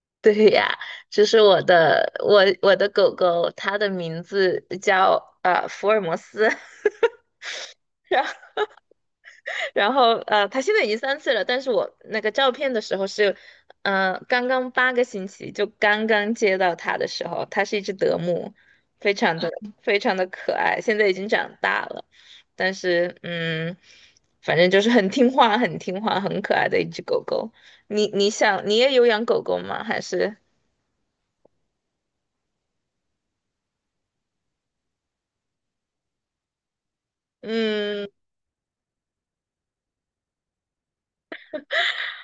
对呀，就是我的狗狗，它的名字叫福尔摩斯，然后然后它现在已经3岁了，但是我那个照片的时候是，刚刚八个星期就刚刚接到它的时候，它是一只德牧，非常的非常的可爱，现在已经长大了，但是反正就是很听话很可爱的一只狗狗。你想你也有养狗狗吗？还是嗯？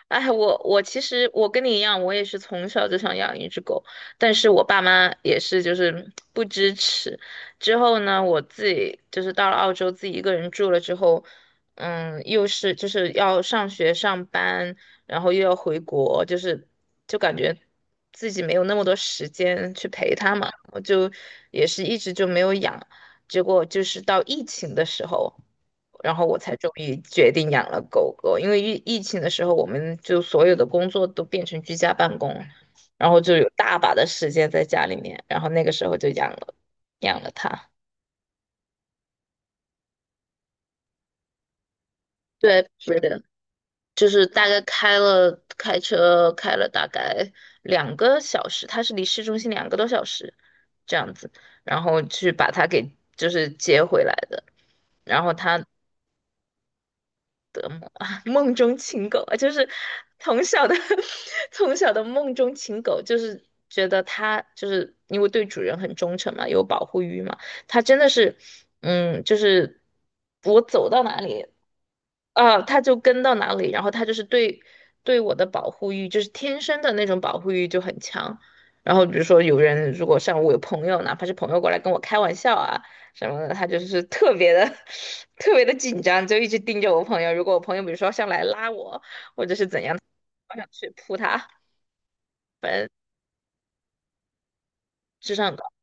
哎，我其实我跟你一样，我也是从小就想养一只狗，但是我爸妈也是就是不支持。之后呢，我自己就是到了澳洲自己一个人住了之后，嗯，又是就是要上学上班，然后又要回国，就感觉自己没有那么多时间去陪它嘛，我就也是一直就没有养。结果就是到疫情的时候。然后我才终于决定养了狗狗。因为疫情的时候，我们就所有的工作都变成居家办公了，然后就有大把的时间在家里面，然后那个时候就养了它。对，是的，就是大概开车开了大概2个小时，它是离市中心2个多小时这样子，然后去把它给就是接回来的。然后它的梦啊，梦中情狗啊，就是从小的 从小的梦中情狗，就是觉得它就是因为对主人很忠诚嘛，有保护欲嘛，它真的是，嗯，就是我走到哪里。啊，他就跟到哪里，然后他就是对我的保护欲，就是天生的那种保护欲就很强。然后比如说有人如果像我有朋友，哪怕是朋友过来跟我开玩笑啊什么的，他就是特别的 特别的紧张，就一直盯着我朋友。如果我朋友比如说上来拉我，或者是怎样，我想去扑他，反正智商很高。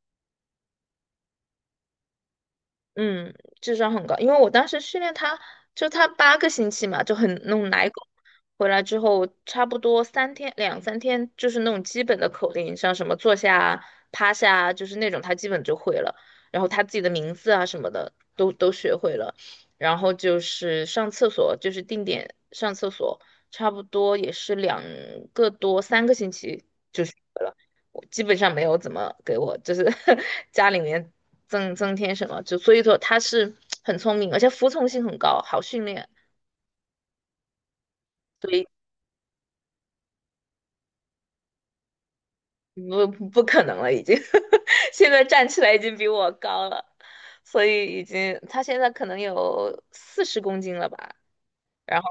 嗯，智商很高，因为我当时训练它，就它八个星期嘛，就很那种奶狗，回来之后差不多3天2、3天，就是那种基本的口令，像什么坐下啊、趴下啊，就是那种它基本就会了，然后它自己的名字啊什么的都学会了，然后就是上厕所，就是定点上厕所，差不多也是2个多3个星期。就学了。我基本上没有怎么给我就是 家里面增添什么，就所以说他是很聪明，而且服从性很高，好训练，所以不可能了，已经 现在站起来已经比我高了，所以已经他现在可能有40公斤了吧。然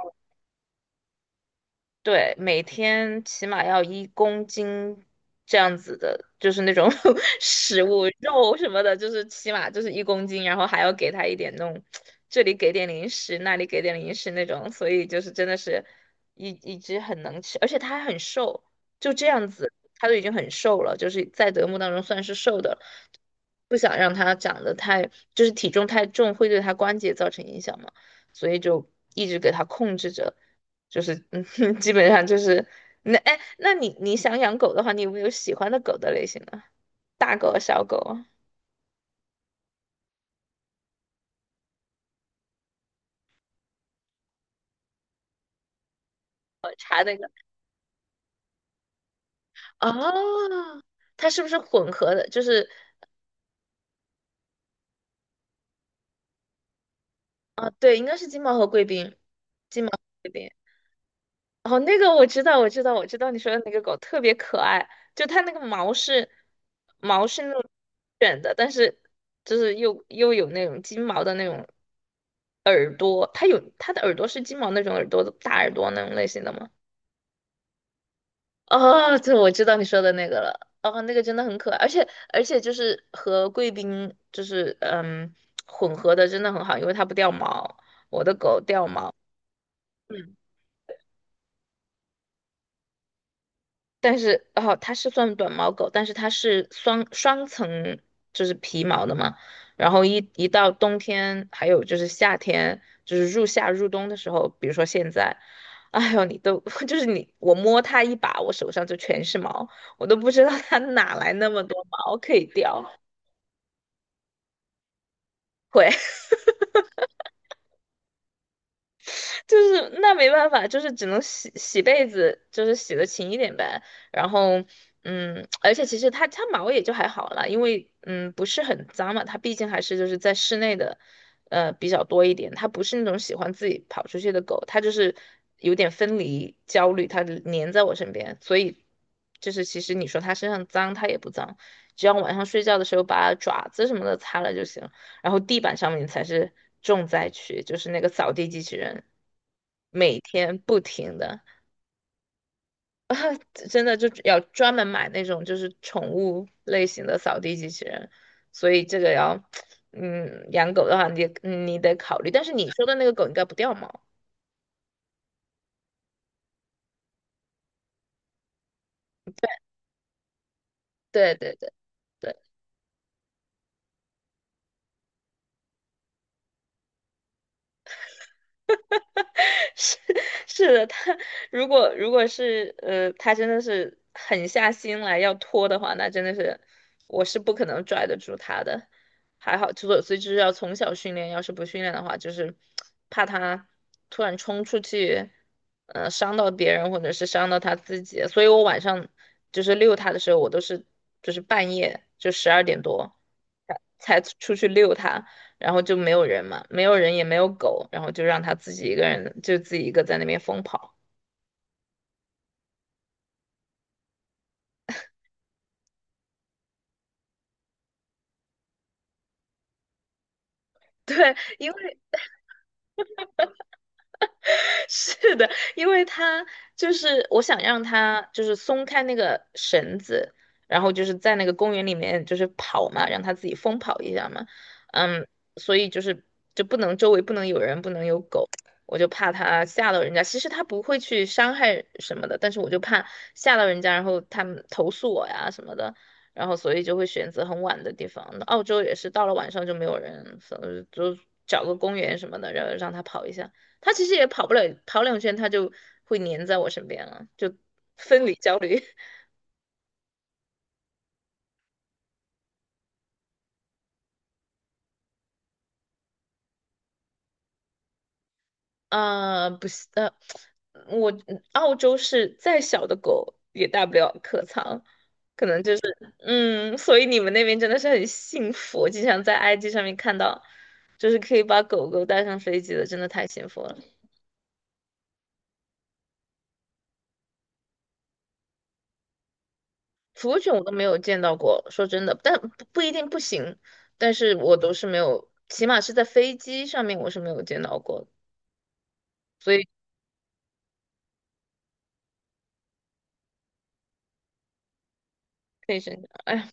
对，每天起码要一公斤这样子的，就是那种 食物、肉什么的，就是起码就是一公斤，然后还要给他一点那种，这里给点零食，那里给点零食那种，所以就是真的是一只很能吃，而且它还很瘦，就这样子，它都已经很瘦了，就是在德牧当中算是瘦的了，不想让它长得太，就是体重太重会对它关节造成影响嘛，所以就一直给它控制着。就是基本上就是那哎，那你你想养狗的话，你有没有喜欢的狗的类型呢？大狗啊小狗啊，它那个哦，它是不是混合的？就是啊，对，应该是金毛和贵宾，金毛和贵宾。哦，那个我知道，我知道，我知道你说的那个狗特别可爱，就它那个毛是那种卷的，但是就是又有那种金毛的那种耳朵，它有它的耳朵是金毛那种耳朵，大耳朵那种类型的吗？哦，对，我知道你说的那个了。哦，那个真的很可爱，而且就是和贵宾就是混合的真的很好，因为它不掉毛。我的狗掉毛，嗯，但是哦，它是算短毛狗，但是它是双层，就是皮毛的嘛。然后一到冬天，还有就是夏天，就是入夏入冬的时候，比如说现在，哎呦，你都 就是你，我摸它一把，我手上就全是毛，我都不知道它哪来那么多毛可以掉。会，就是那没办法，就是只能洗洗被子，就是洗的勤一点呗。然后，嗯，而且其实它毛也就还好啦，因为不是很脏嘛，它毕竟还是就是在室内的，比较多一点。它不是那种喜欢自己跑出去的狗，它就是有点分离焦虑，它就粘在我身边，所以就是其实你说它身上脏，它也不脏，只要晚上睡觉的时候把爪子什么的擦了就行。然后地板上面才是重灾区，就是那个扫地机器人，每天不停的，真的就要专门买那种就是宠物类型的扫地机器人，所以这个要，嗯，养狗的话你得考虑，但是你说的那个狗应该不掉毛，对对对。是，是的，他如果是他真的是狠下心来要拖的话，那真的是我是不可能拽得住他的。还好，所以就是要从小训练，要是不训练的话，就是怕他突然冲出去，呃，伤到别人或者是伤到他自己。所以我晚上就是遛他的时候，我都是就是半夜就12点多才出去遛他。然后就没有人嘛，没有人也没有狗，然后就让它自己一个人，就自己一个在那边疯跑。因为。是的，因为他就是我想让他就是松开那个绳子，然后就是在那个公园里面就是跑嘛，让他自己疯跑一下嘛。嗯，所以就是就不能周围不能有人，不能有狗，我就怕他吓到人家。其实他不会去伤害什么的，但是我就怕吓到人家，然后他们投诉我呀什么的，然后所以就会选择很晚的地方。澳洲也是到了晚上就没有人，所以就找个公园什么的，然后让他跑一下。它其实也跑不了跑两圈，它就会黏在我身边了，就分离焦虑。不行我澳洲是再小的狗也带不了客舱，嗯，所以你们那边真的是很幸福，我经常在 IG 上面看到，就是可以把狗狗带上飞机的，真的太幸福了。服务犬我都没有见到过，说真的，但不一定不行，但是我都是没有，起码是在飞机上面我是没有见到过的，所以可以申请。哎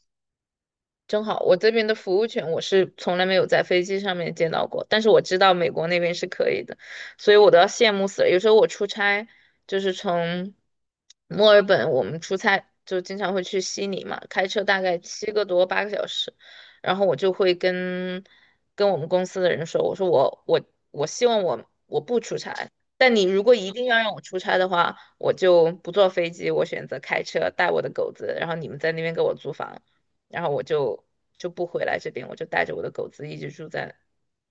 正好，我这边的服务权我是从来没有在飞机上面见到过，但是我知道美国那边是可以的，所以我都要羡慕死了。有时候我出差就是从墨尔本，我们出差就经常会去悉尼嘛，开车大概7个多8个小时，然后我就会跟我们公司的人说，我说我希望我不出差，但你如果一定要让我出差的话，我就不坐飞机，我选择开车带我的狗子，然后你们在那边给我租房。然后我就不回来这边，我就带着我的狗子一直住在，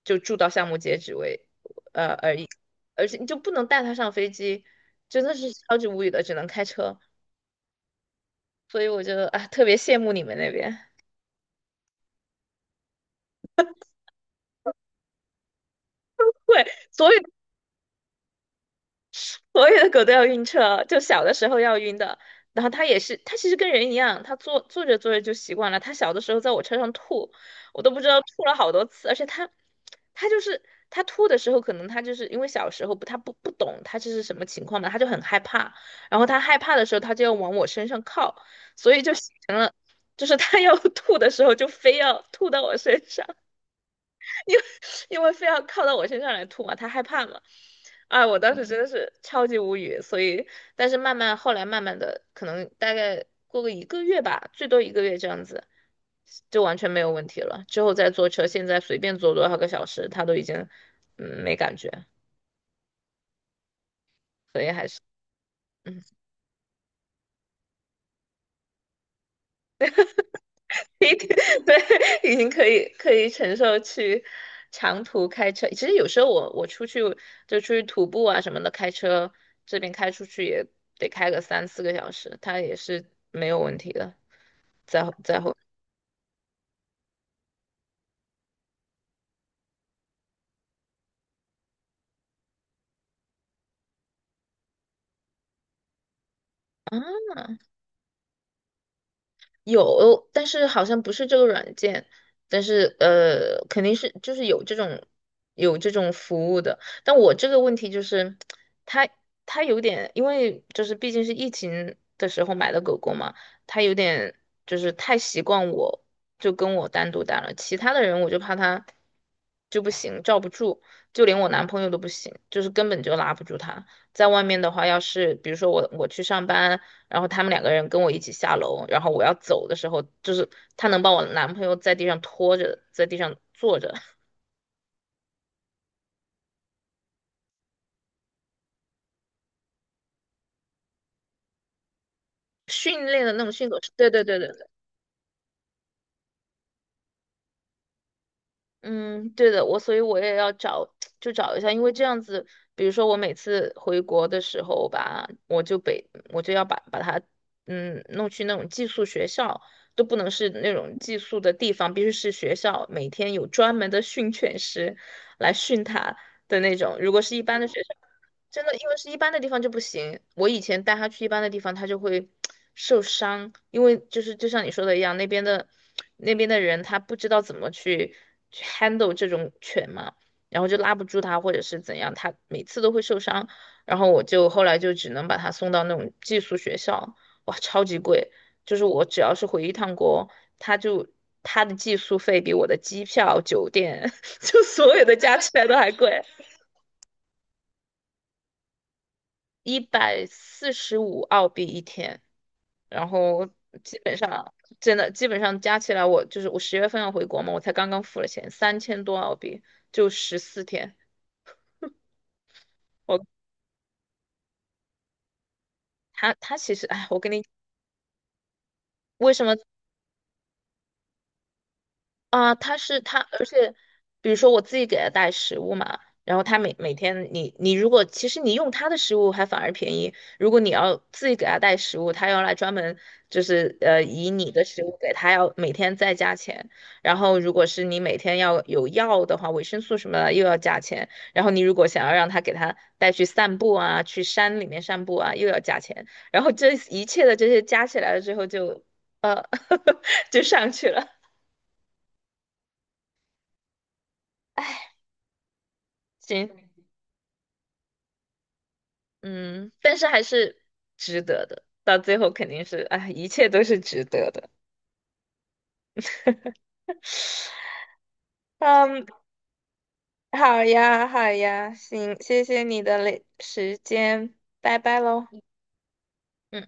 就住到项目截止为，而已，而且你就不能带它上飞机，真的是超级无语的，只能开车，所以我觉得啊特别羡慕你们那边，对，所以。所有的狗都要晕车，就小的时候要晕的。然后它也是，它其实跟人一样，它坐着坐着就习惯了。它小的时候在我车上吐，我都不知道吐了好多次。而且它，它就是它吐的时候，可能它就是因为小时候不，它不懂它这是什么情况嘛，它就很害怕。然后它害怕的时候，它就要往我身上靠，所以就形成了，就是它要 吐的时候就非要吐到我身上。因为因为非要靠到我身上来吐嘛，他害怕嘛。啊，我当时真的是超级无语，所以，但是慢慢后来慢慢的，可能大概过个一个月吧，最多一个月这样子，就完全没有问题了。之后再坐车，现在随便坐多少个小时，他都已经没感觉，所以还是嗯。一天，对，已经可以承受去长途开车。其实有时候我出去就出去徒步啊什么的，开车这边开出去也得开个3、4个小时，它也是没有问题的。在后。有，但是好像不是这个软件，但是肯定是就是有这种有这种服务的。但我这个问题就是，它它有点，因为就是毕竟是疫情的时候买的狗狗嘛，它有点就是太习惯我，就跟我单独待了，其他的人我就怕它就不行，罩不住，就连我男朋友都不行，就是根本就拉不住它。在外面的话，要是比如说我去上班。然后他们两个人跟我一起下楼，然后我要走的时候，就是他能把我男朋友在地上拖着，在地上坐着，训练的那种训狗式。对对对对对，嗯，对的，所以我也要找，就找一下，因为这样子，比如说我每次回国的时候吧，我就要把他弄去那种寄宿学校。都不能是那种寄宿的地方，必须是学校，每天有专门的训犬师来训它的那种。如果是一般的学，真的，因为是一般的地方就不行。我以前带它去一般的地方，它就会 受伤，因为就是就像你说的一样，那边的人他不知道怎么去handle 这种犬嘛，然后就拉不住它或者是怎样，它每次都会受伤。然后我就后来就只能把它送到那种寄宿学校，哇，超级贵。就是我只要是回一趟国，它就它的寄宿费比我的机票、酒店，就所有的加起来都还贵。145澳币一天，然后基本上真的基本上加起来我，就是我10月份要回国嘛，我才刚刚付了钱，3000多澳币就14天。我他其实哎，我跟你为什么啊，他是他，而且比如说我自己给他带食物嘛，然后他每天你如果其实你用他的食物还反而便宜，如果你要自己给他带食物，他要来专门就是以你的食物给他要每天再加钱，然后如果是你每天要有药的话，维生素什么的又要加钱，然后你如果想要让他给他带去散步啊，去山里面散步啊，又要加钱，然后这一切的这些加起来了之后就呃 就上去了。哎，行，嗯，但是还是值得的，到最后肯定是，哎，一切都是值得的。嗯，好呀，好呀，行，谢谢你的嘞时间，拜拜喽。嗯。